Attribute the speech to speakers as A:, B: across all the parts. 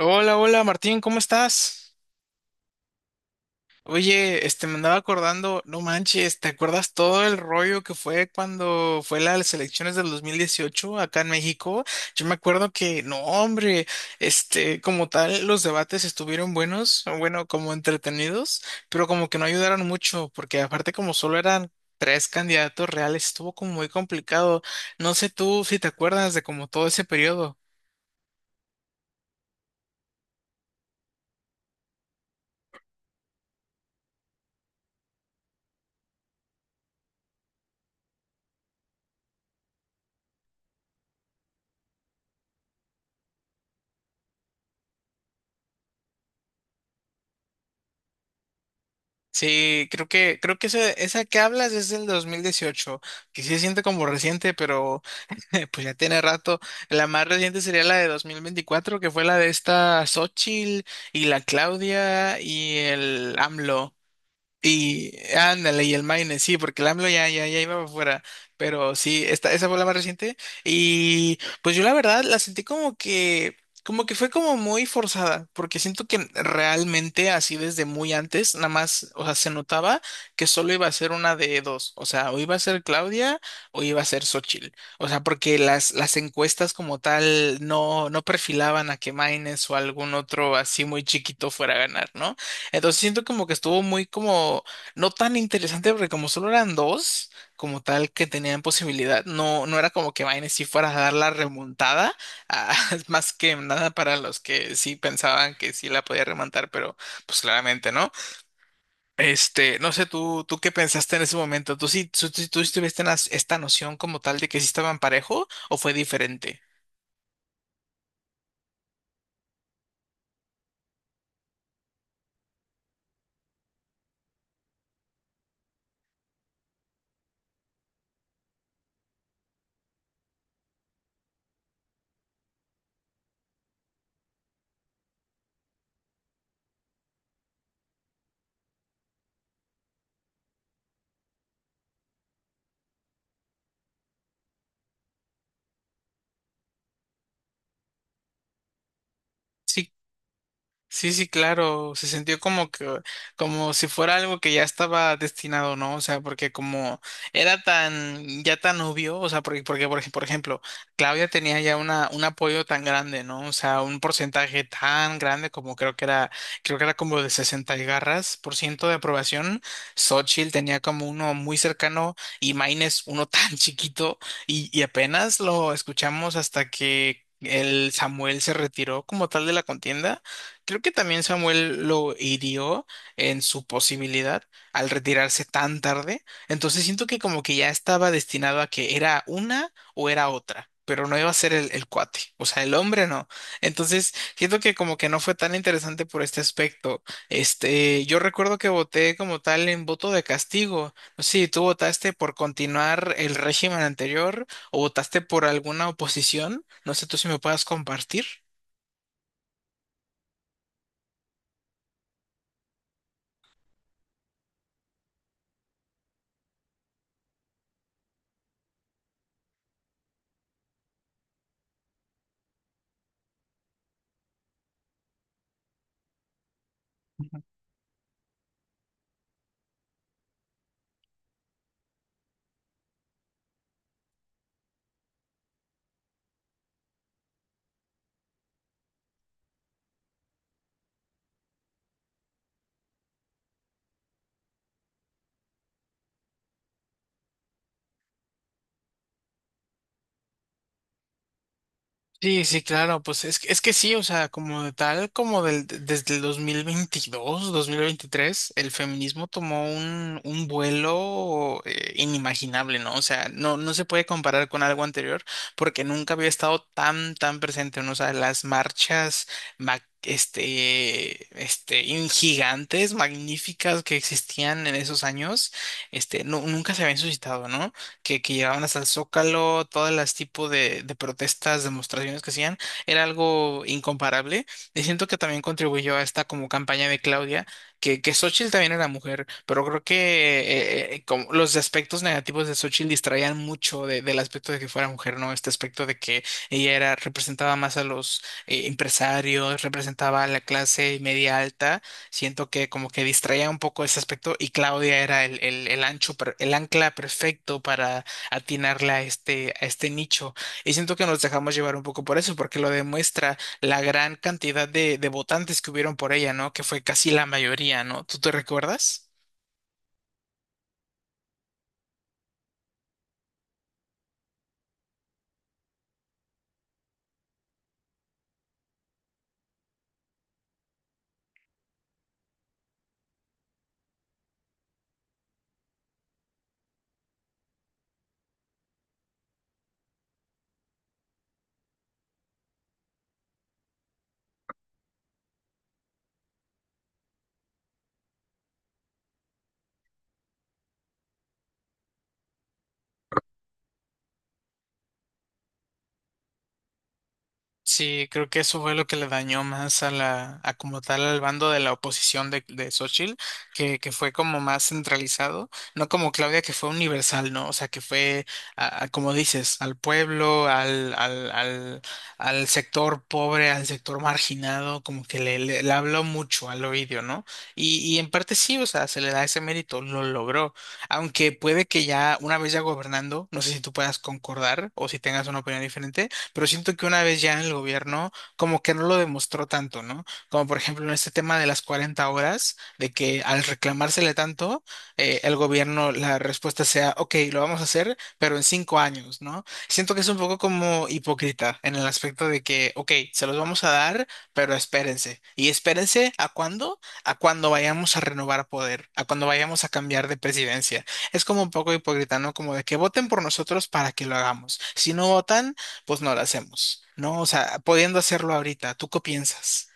A: Hola, hola Martín, ¿cómo estás? Oye, me andaba acordando, no manches, ¿te acuerdas todo el rollo que fue cuando fue las elecciones del 2018 acá en México? Yo me acuerdo que, no, hombre, como tal, los debates estuvieron buenos, bueno, como entretenidos, pero como que no ayudaron mucho, porque aparte como solo eran tres candidatos reales, estuvo como muy complicado. No sé tú si te acuerdas de como todo ese periodo. Sí, creo que esa que hablas es del 2018, que sí se siente como reciente, pero pues ya tiene rato. La más reciente sería la de 2024, que fue la de esta Xochitl y la Claudia y el AMLO. Y ándale, y el Maine, sí, porque el AMLO ya iba para afuera, pero sí, esa fue la más reciente. Y pues yo la verdad la sentí como que fue como muy forzada, porque siento que realmente así desde muy antes, nada más, o sea, se notaba que solo iba a ser una de dos, o sea, o iba a ser Claudia o iba a ser Xochitl, o sea, porque las encuestas como tal no perfilaban a que Maines o algún otro así muy chiquito fuera a ganar, ¿no? Entonces siento como que estuvo muy como, no tan interesante porque como solo eran dos, como tal que tenían posibilidad, no, no era como que Vine si fuera a dar la remontada, ah, más que nada para los que sí pensaban que sí la podía remontar, pero pues claramente no. No sé, tú qué pensaste en ese momento, tú sí tuviste esta noción como tal de que sí estaban parejo o fue diferente. Sí, sí, sí, claro, se sintió como si fuera algo que ya estaba destinado, ¿no? O sea, porque como era tan, ya tan obvio, o sea, porque por ejemplo, Claudia tenía ya un apoyo tan grande, ¿no? O sea, un porcentaje tan grande como creo que era como de 60 y garras por ciento de aprobación. Xochitl tenía como uno muy cercano y Maines uno tan chiquito y apenas lo escuchamos hasta que el Samuel se retiró como tal de la contienda. Creo que también Samuel lo hirió en su posibilidad al retirarse tan tarde. Entonces siento que como que ya estaba destinado a que era una o era otra, pero no iba a ser el cuate, o sea, el hombre no. Entonces siento que como que no fue tan interesante por este aspecto. Yo recuerdo que voté como tal en voto de castigo. No sé si tú votaste por continuar el régimen anterior o votaste por alguna oposición. No sé tú si me puedas compartir. Sí, sí, claro, es que sí, o sea, como de tal, desde el 2022, 2023, el feminismo tomó un vuelo inimaginable, ¿no? O sea, no se puede comparar con algo anterior porque nunca había estado tan presente, ¿no? O sea, las marchas, ma- gigantes, magníficas que existían en esos años, nunca se habían suscitado, ¿no? Que llegaban hasta el Zócalo, todas las tipos de protestas, demostraciones que hacían, era algo incomparable. Y siento que también contribuyó a esta como campaña de Claudia, que Xóchitl también era mujer, pero creo que como los aspectos negativos de Xochitl distraían mucho del aspecto de que fuera mujer, ¿no? Este aspecto de que representaba más a los empresarios, representaba a la clase media alta. Siento que como que distraía un poco ese aspecto y Claudia era el ancla perfecto para atinarla a a este nicho. Y siento que nos dejamos llevar un poco por eso, porque lo demuestra la gran cantidad de votantes que hubieron por ella, ¿no? Que fue casi la mayoría, ¿no? ¿Tú te recuerdas? Sí, creo que eso fue lo que le dañó más a como tal al bando de la oposición de Xochitl, que fue como más centralizado, no como Claudia que fue universal, ¿no? O sea, como dices, al pueblo, al sector pobre, al sector marginado, como que le habló mucho al oído, ¿no? Y en parte sí, o sea, se le da ese mérito, lo logró, aunque puede que ya una vez ya gobernando, no sé si tú puedas concordar o si tengas una opinión diferente, pero siento que una vez ya en el gobierno, como que no lo demostró tanto, ¿no? Como por ejemplo en este tema de las 40 horas, de que al reclamársele tanto, el gobierno, la respuesta sea: ok, lo vamos a hacer, pero en 5 años, ¿no? Siento que es un poco como hipócrita en el aspecto de que, ok, se los vamos a dar, pero espérense. ¿Y espérense a cuándo? A cuando vayamos a renovar poder, a cuando vayamos a cambiar de presidencia. Es como un poco hipócrita, ¿no? Como de que voten por nosotros para que lo hagamos. Si no votan, pues no la hacemos, ¿no? O sea, pudiendo hacerlo ahorita, ¿tú qué piensas?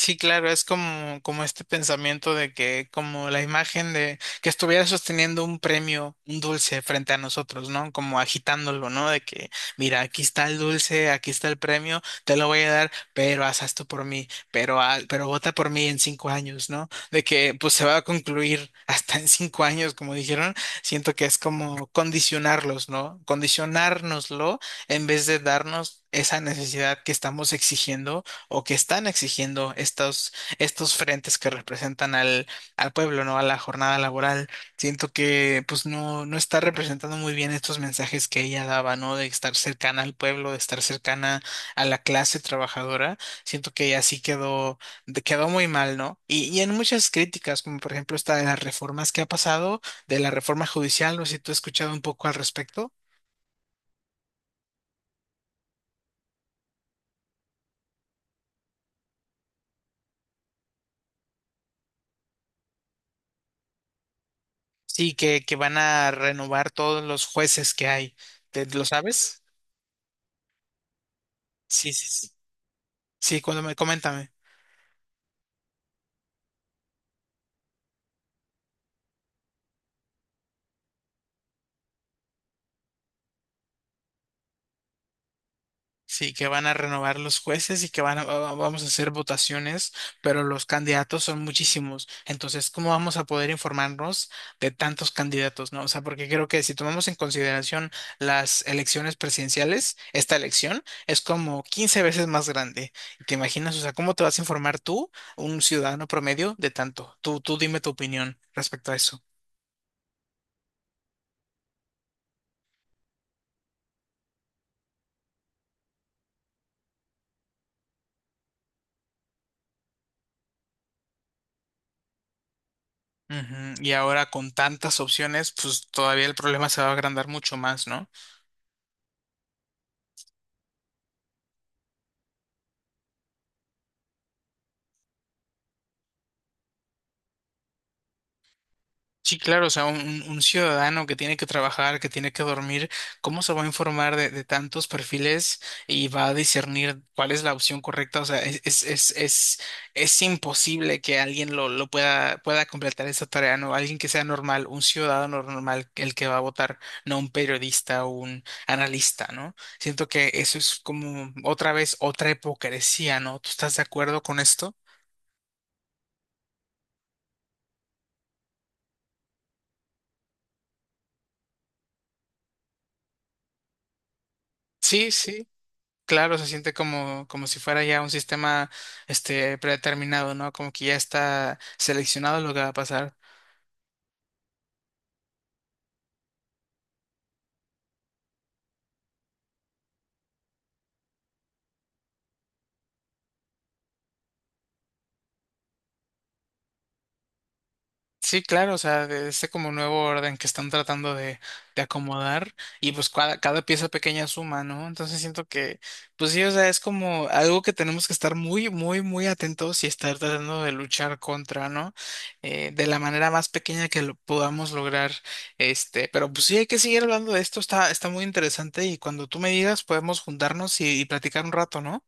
A: Sí, claro, es como este pensamiento de que, como la imagen de que estuviera sosteniendo un premio, un dulce frente a nosotros, ¿no? Como agitándolo, ¿no? De que, mira, aquí está el dulce, aquí está el premio, te lo voy a dar, pero haz esto por mí, pero vota por mí en 5 años, ¿no? De que, pues se va a concluir hasta en 5 años, como dijeron. Siento que es como condicionarlos, ¿no? Condicionárnoslo en vez de darnos esa necesidad que estamos exigiendo o que están exigiendo estos frentes que representan al pueblo, ¿no? A la jornada laboral. Siento que pues no está representando muy bien estos mensajes que ella daba, ¿no? De estar cercana al pueblo, de estar cercana a la clase trabajadora. Siento que ella sí quedó, quedó muy mal, ¿no? Y en muchas críticas, como por ejemplo esta de las reformas que ha pasado, de la reforma judicial, no sé si tú has escuchado un poco al respecto. Sí, que van a renovar todos los jueces que hay. ¿Lo sabes? Sí, sí, sí. Sí, coméntame. Sí, que van a renovar los jueces y que vamos a hacer votaciones, pero los candidatos son muchísimos. Entonces, ¿cómo vamos a poder informarnos de tantos candidatos, no? O sea, porque creo que si tomamos en consideración las elecciones presidenciales, esta elección es como 15 veces más grande. ¿Te imaginas? O sea, ¿cómo te vas a informar tú, un ciudadano promedio, de tanto? Tú dime tu opinión respecto a eso. Ujú, y ahora con tantas opciones, pues todavía el problema se va a agrandar mucho más, ¿no? Sí, claro, o sea, un ciudadano que tiene que trabajar, que tiene que dormir, ¿cómo se va a informar de tantos perfiles y va a discernir cuál es la opción correcta? O sea, es imposible que alguien lo pueda completar esa tarea, ¿no? Alguien que sea normal, un ciudadano normal, el que va a votar, no un periodista o un analista, ¿no? Siento que eso es como otra vez otra hipocresía, ¿no? ¿Tú estás de acuerdo con esto? Sí, sí. Claro, se siente como si fuera ya un sistema predeterminado, ¿no? Como que ya está seleccionado lo que va a pasar. Sí, claro, o sea, de este como nuevo orden que están tratando de acomodar, y pues cada pieza pequeña suma, ¿no? Entonces siento que, pues sí, o sea, es como algo que tenemos que estar muy, muy, muy atentos y estar tratando de luchar contra, ¿no? De la manera más pequeña que lo podamos lograr, pero pues sí, hay que seguir hablando de esto, está muy interesante, y cuando tú me digas podemos juntarnos y platicar un rato, ¿no?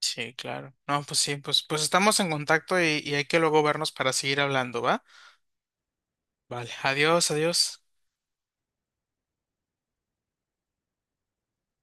A: Sí, claro. No, pues sí, pues estamos en contacto y hay que luego vernos para seguir hablando, ¿va? Vale, adiós, adiós.